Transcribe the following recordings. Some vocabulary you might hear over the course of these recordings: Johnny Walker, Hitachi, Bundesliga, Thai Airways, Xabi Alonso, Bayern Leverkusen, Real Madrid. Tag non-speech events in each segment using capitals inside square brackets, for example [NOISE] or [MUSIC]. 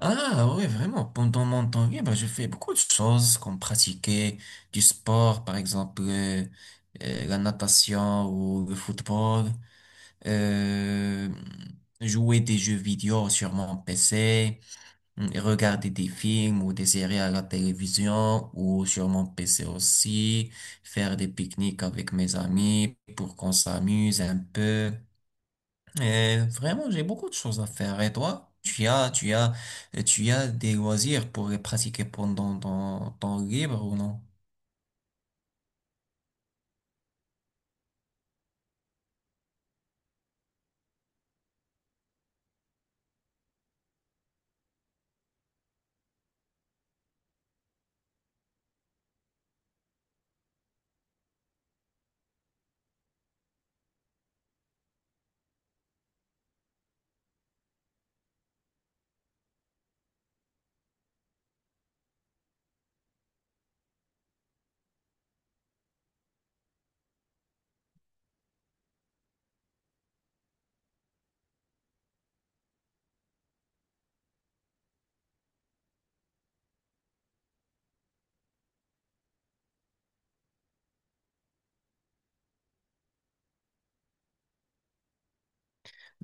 Ah oui, vraiment. Pendant mon temps libre, je fais beaucoup de choses comme pratiquer du sport, par exemple la natation ou le football, euh, jouer des jeux vidéo sur mon PC, mm, et regarder des films ou des séries à la télévision ou sur mon PC aussi, faire des pique-niques avec mes amis pour qu'on s'amuse un peu. Et vraiment, j'ai beaucoup de choses à faire. Et toi, tu as des loisirs pour les pratiquer pendant ton temps libre ou non?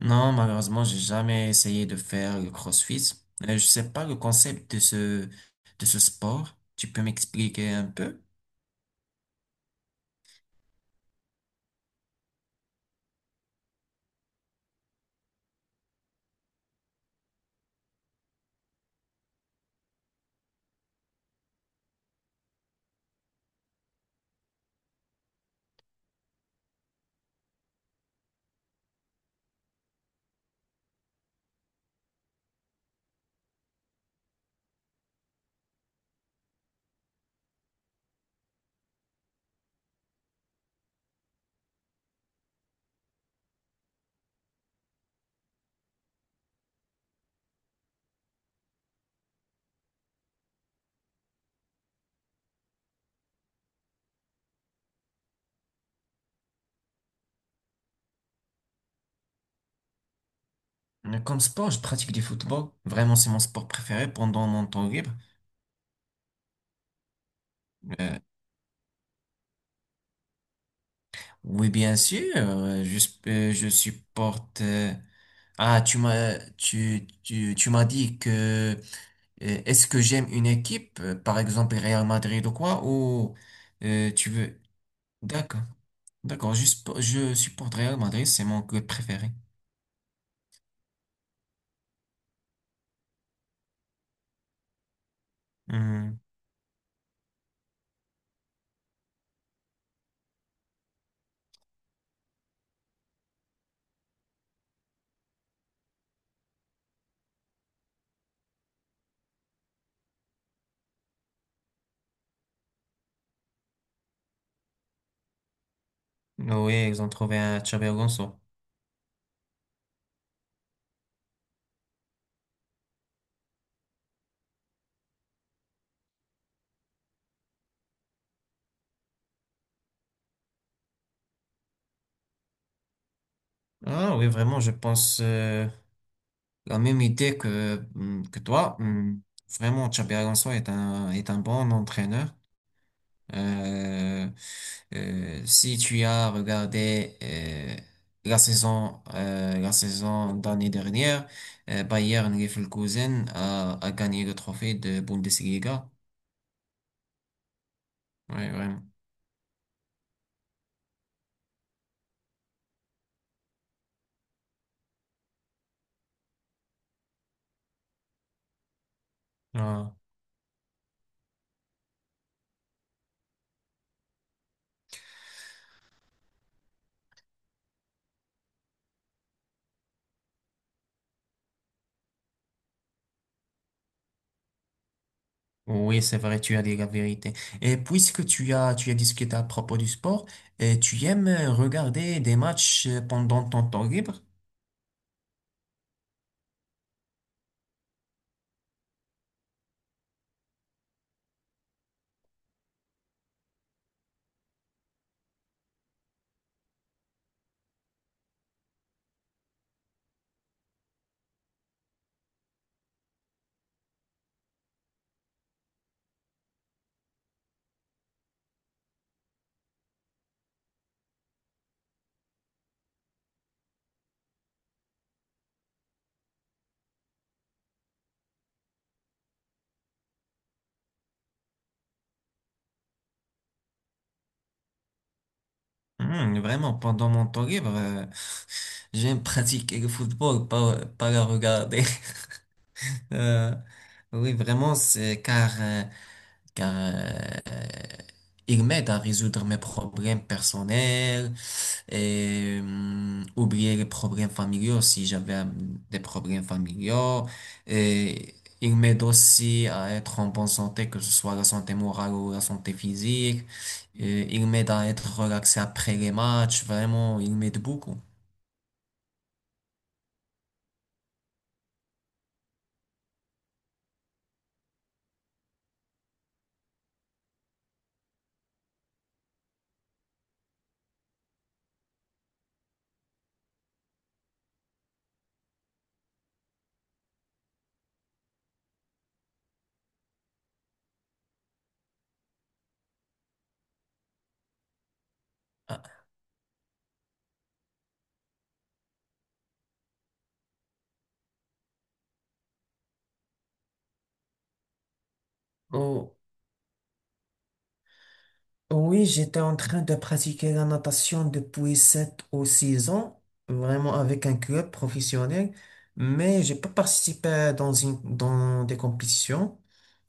Non, malheureusement, j'ai jamais essayé de faire le CrossFit. Je sais pas le concept de ce sport. Tu peux m'expliquer un peu? Comme sport, je pratique du football. Vraiment, c'est mon sport préféré pendant mon temps libre. Euh, oui, bien sûr. Je supporte. Ah, tu m'as dit que. Est-ce que j'aime une équipe, par exemple Real Madrid ou quoi, ou tu veux... D'accord, d'accord, je supporte Real Madrid, c'est mon club préféré. Hmm. Oui, ils ont trouvé un Xabi Alonso. Ah oui, vraiment, je pense la même idée que, hmm, que toi. Hmm. Vraiment, Xabi Alonso est un bon entraîneur. Euh, Si tu as regardé la saison d'année dernière, Bayern Leverkusen a gagné le trophée de Bundesliga. Oui, vraiment. Ah, oui, c'est vrai, tu as dit la vérité. Et puisque tu as discuté à propos du sport, tu aimes regarder des matchs pendant ton temps libre? Hmm, vraiment, pendant mon temps libre, j'aime pratiquer le football, pas le regarder. [LAUGHS] Euh, oui, vraiment, c'est car il m'aide à résoudre mes problèmes personnels et oublier les problèmes familiaux si j'avais des problèmes familiaux. Et il m'aide aussi à être en bonne santé, que ce soit la santé morale ou la santé physique. Et il m'aide à être relaxé après les matchs. Vraiment, il m'aide beaucoup. Ah, oh, oui, j'étais en train de pratiquer la natation depuis 7 ou 6 ans, vraiment avec un club professionnel, mais j'ai pas participé dans des compétitions.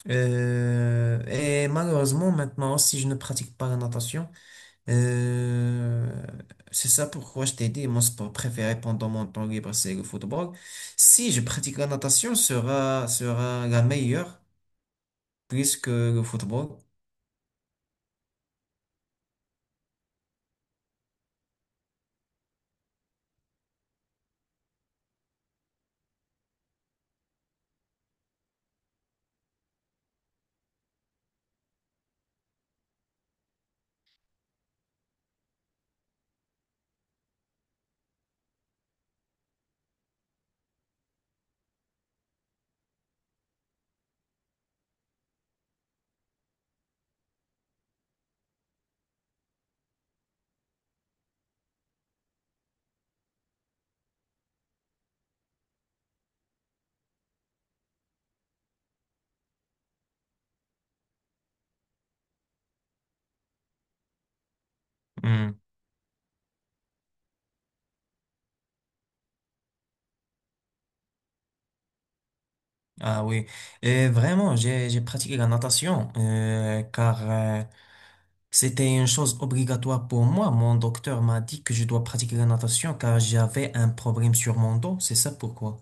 Et malheureusement, maintenant, si je ne pratique pas la natation, euh, c'est ça pourquoi je t'ai dit, mon sport préféré pendant mon temps libre, c'est le football. Si je pratique la natation, sera la meilleure plus que le football. Ah oui, et vraiment, j'ai pratiqué la natation car c'était une chose obligatoire pour moi. Mon docteur m'a dit que je dois pratiquer la natation car j'avais un problème sur mon dos, c'est ça pourquoi.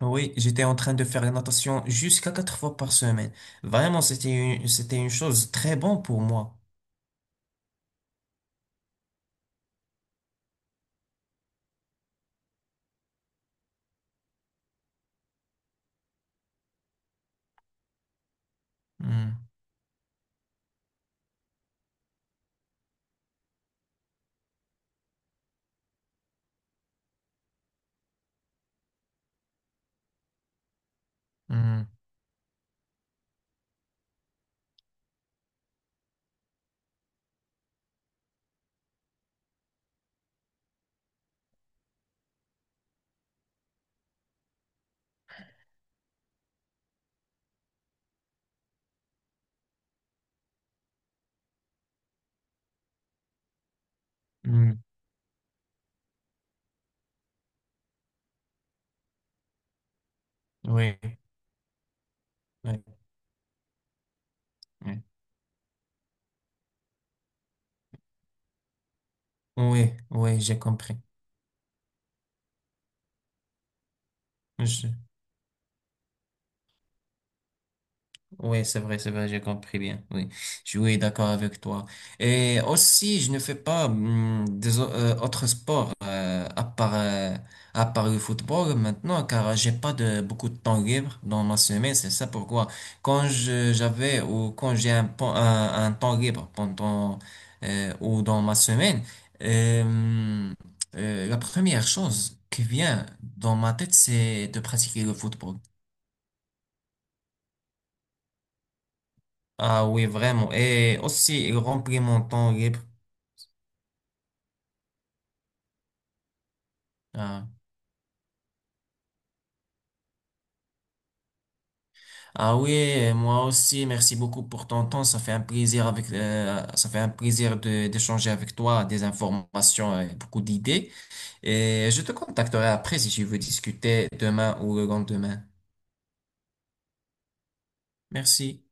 Oui, j'étais en train de faire la natation jusqu'à quatre fois par semaine. Vraiment, c'était une chose très bonne pour moi. Hmm, hmm, hmm. Oui, oui, oui, oui, oui, j'ai compris. Oui, c'est vrai, j'ai compris bien. Oui, je suis oui, d'accord avec toi. Et aussi, je ne fais pas autres sports à part le football maintenant, car j'ai pas de beaucoup de temps libre dans ma semaine. C'est ça pourquoi quand je j'avais ou quand j'ai un temps libre pendant ou dans ma semaine, euh, la première chose qui vient dans ma tête, c'est de pratiquer le football. Ah oui, vraiment. Et aussi, il remplit mon temps libre. Ah, ah oui, et moi aussi, merci beaucoup pour ton temps. Ça fait un plaisir avec, ça fait un plaisir de, d'échanger avec toi des informations et beaucoup d'idées. Et je te contacterai après si tu veux discuter demain ou le lendemain. Merci.